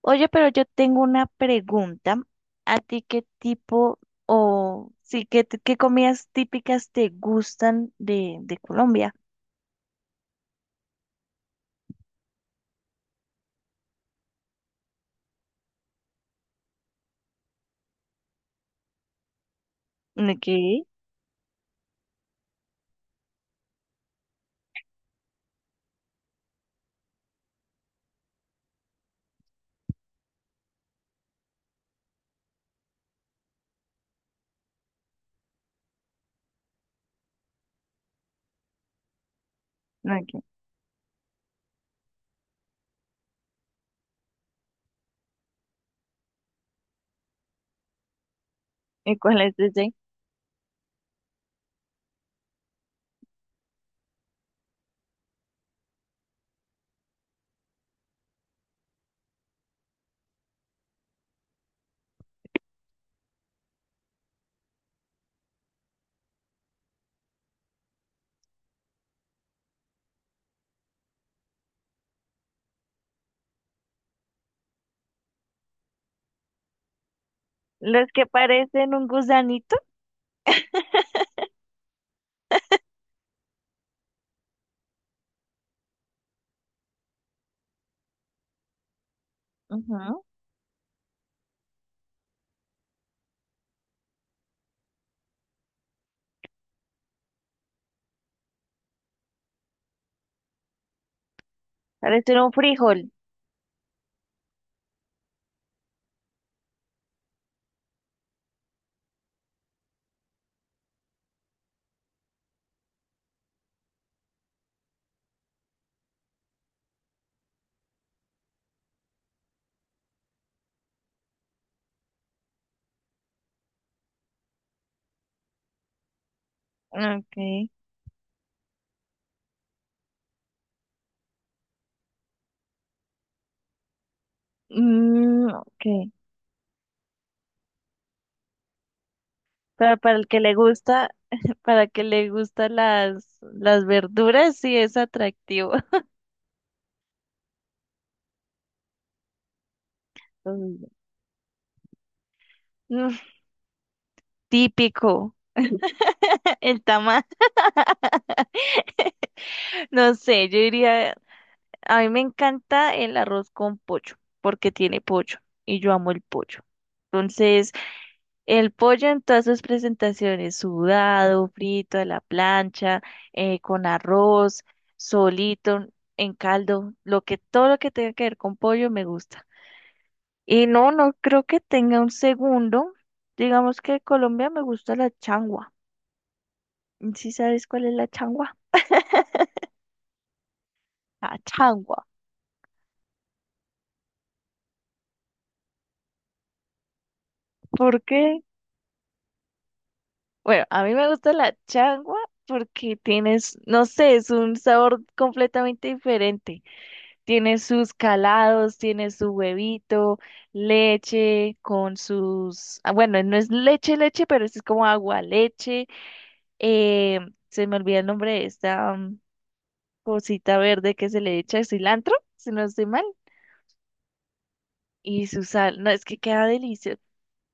Oye, pero yo tengo una pregunta. ¿A ti qué tipo o sí, qué, t- qué comidas típicas te gustan de Colombia? Okay, ok. ¿Y cuáles dicen? Los que parecen un gusanito. Ujú. Parecen un frijol. Okay. Mm, okay. Pero para el que le gusta, para el que le gustan las verduras, sí es atractivo. Mm, típico. El tamal. No sé, yo diría, a mí me encanta el arroz con pollo, porque tiene pollo y yo amo el pollo. Entonces, el pollo en todas sus presentaciones, sudado, frito, a la plancha, con arroz, solito, en caldo, lo que, todo lo que tenga que ver con pollo me gusta. Y no, no creo que tenga un segundo. Digamos que en Colombia me gusta la changua. ¿Sí sabes cuál es la changua? La changua. ¿Por qué? Bueno, a mí me gusta la changua porque tienes, no sé, es un sabor completamente diferente. Tiene sus calados, tiene su huevito, leche con sus, bueno, no es leche, leche, pero es como agua leche. Eh, se me olvida el nombre de esta cosita verde que se le echa cilantro, si no estoy mal, y su sal. No, es que queda delicioso.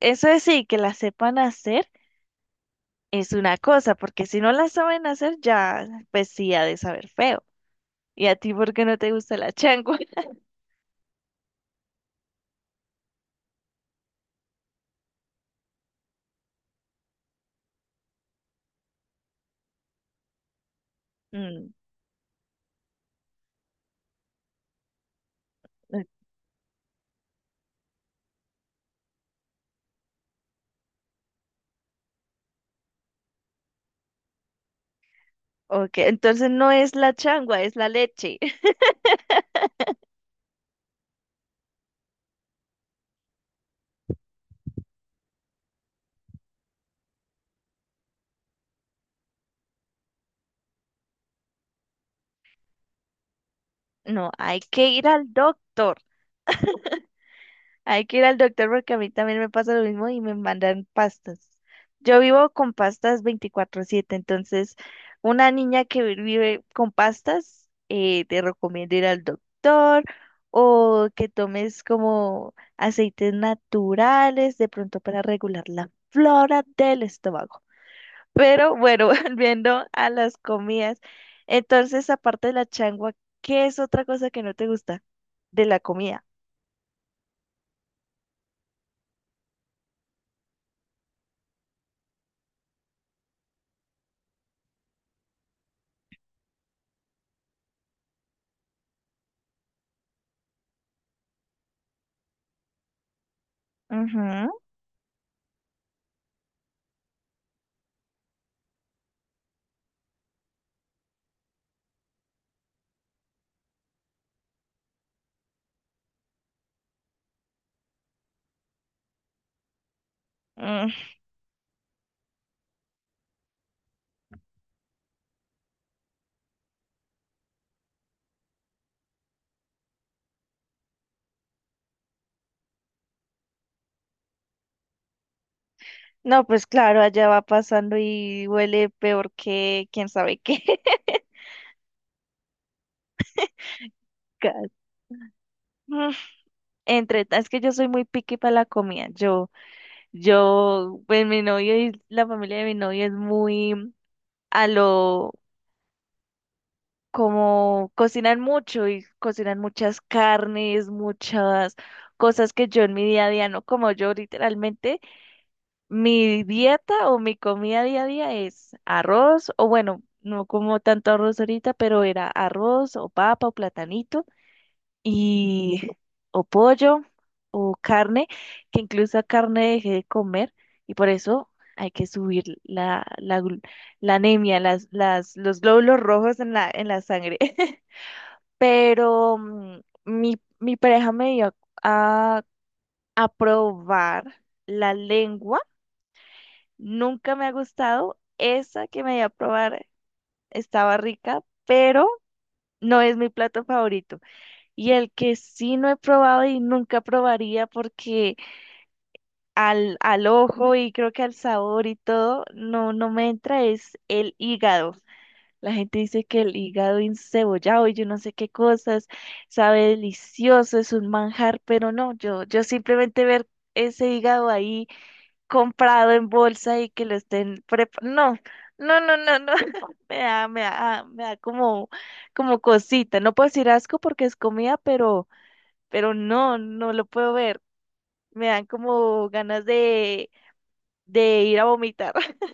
Eso es sí, que la sepan hacer. Es una cosa, porque si no la saben hacer, ya pues sí ha de saber feo. ¿Y a ti por qué no te gusta la changua? Mm, eh, ok, entonces no es la changua, es la leche. No, hay que ir al doctor. Hay que ir al doctor porque a mí también me pasa lo mismo y me mandan pastas. Yo vivo con pastas 24/7, entonces una niña que vive con pastas, te recomiendo ir al doctor o que tomes como aceites naturales de pronto para regular la flora del estómago. Pero bueno, volviendo a las comidas, entonces aparte de la changua, ¿qué es otra cosa que no te gusta de la comida? Ujú. No, pues claro, allá va pasando y huele peor que quién sabe qué. Gas. Mm, es que yo soy muy picky para la comida. Pues mi novio y la familia de mi novio es muy a lo, como cocinan mucho y cocinan muchas carnes, muchas cosas que yo en mi día a día no como yo literalmente. Mi dieta o mi comida día a día es arroz, o bueno, no como tanto arroz ahorita, pero era arroz o papa o platanito y o pollo o carne, que incluso a carne dejé de comer y por eso hay que subir la anemia, los glóbulos rojos en en la sangre. Pero mi pareja me dio a, a probar la lengua. Nunca me ha gustado. Esa que me di a probar estaba rica, pero no es mi plato favorito. Y el que sí no he probado y nunca probaría porque al ojo y creo que al sabor y todo, no, no me entra es el hígado. La gente dice que el hígado encebollado y yo no sé qué cosas, sabe delicioso, es un manjar, pero no, yo simplemente ver ese hígado ahí comprado en bolsa y que lo estén preparando. No, no, no, no, no. Me da, me da, me da como, como cosita. No puedo decir asco porque es comida, pero no, no lo puedo ver. Me dan como ganas de ir a vomitar.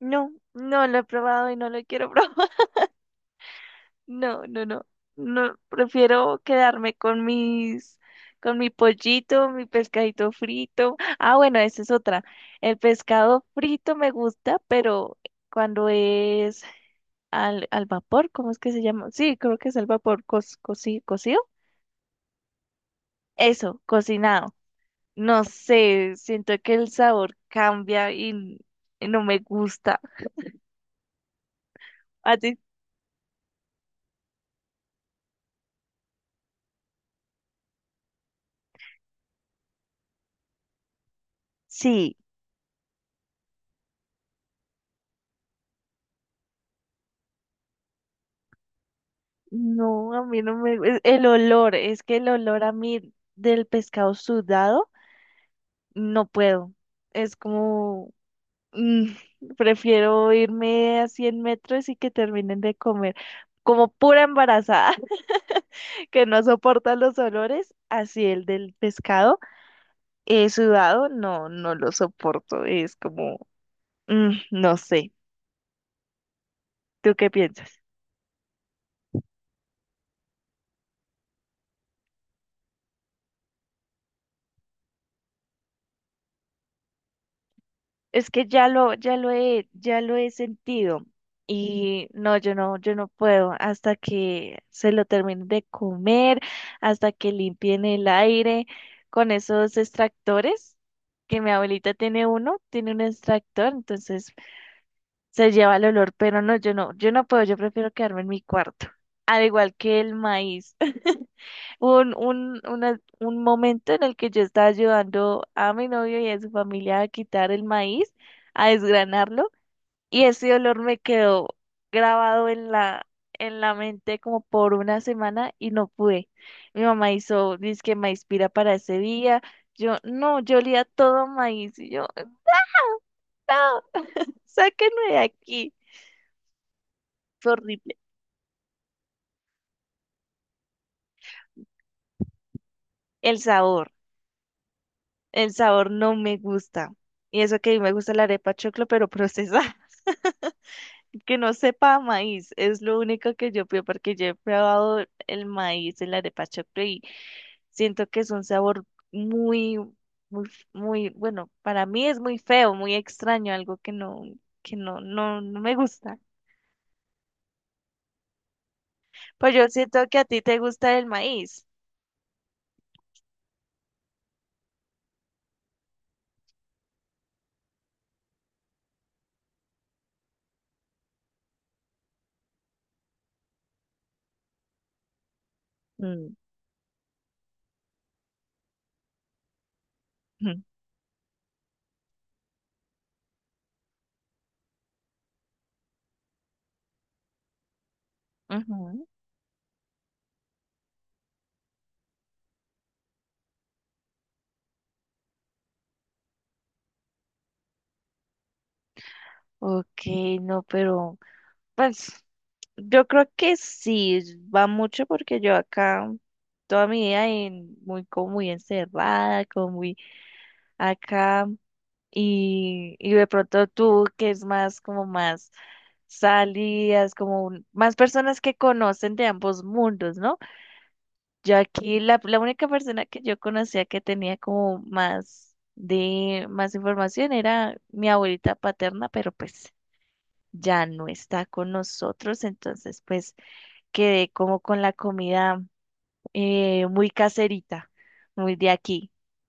No, no lo he probado y no lo quiero probar. No, no, no. No, prefiero quedarme con mis, con mi pollito, mi pescadito frito. Ah, bueno, esa es otra. El pescado frito me gusta, pero cuando es al vapor, ¿cómo es que se llama? Sí, creo que es al vapor, cocido. Eso, cocinado. No sé, siento que el sabor cambia y no me gusta. ¿A ti? Sí. No, a mí no me, el olor, es que el olor a mí del pescado sudado, no puedo. Es como, mm, prefiero irme a 100 metros y que terminen de comer. Como pura embarazada que no soporta los olores, así el del pescado sudado, no, no lo soporto. Es como, no sé. ¿Tú qué piensas? Es que ya lo he sentido y no, yo no puedo hasta que se lo terminen de comer, hasta que limpien el aire con esos extractores, que mi abuelita tiene uno, tiene un extractor, entonces se lleva el olor, pero no, yo no puedo, yo prefiero quedarme en mi cuarto, al igual que el maíz. Hubo un momento en el que yo estaba ayudando a mi novio y a su familia a quitar el maíz, a desgranarlo. Y ese olor me quedó grabado en en la mente como por una semana y no pude. Mi mamá hizo disque maíz pira para ese día. Yo, no, yo olía todo maíz. Y yo, no, sáquenme de aquí. Fue horrible. El sabor, el sabor no me gusta. Y eso que a mí me gusta la arepa choclo, pero procesada. Que no sepa a maíz, es lo único que yo pido porque yo he probado el maíz, el arepa choclo y siento que es un sabor muy, muy, muy, bueno, para mí es muy feo, muy extraño, algo que no, no, no me gusta. Pues yo siento que a ti te gusta el maíz. Mm. Ujú. Ok, no, pero pues yo creo que sí, va mucho porque yo acá toda mi vida muy como muy encerrada, como muy acá y de pronto tú que es más como más salidas, como más personas que conocen de ambos mundos, ¿no? Yo aquí la única persona que yo conocía que tenía como más de más información era mi abuelita paterna, pero pues ya no está con nosotros, entonces pues quedé como con la comida muy caserita, muy de aquí.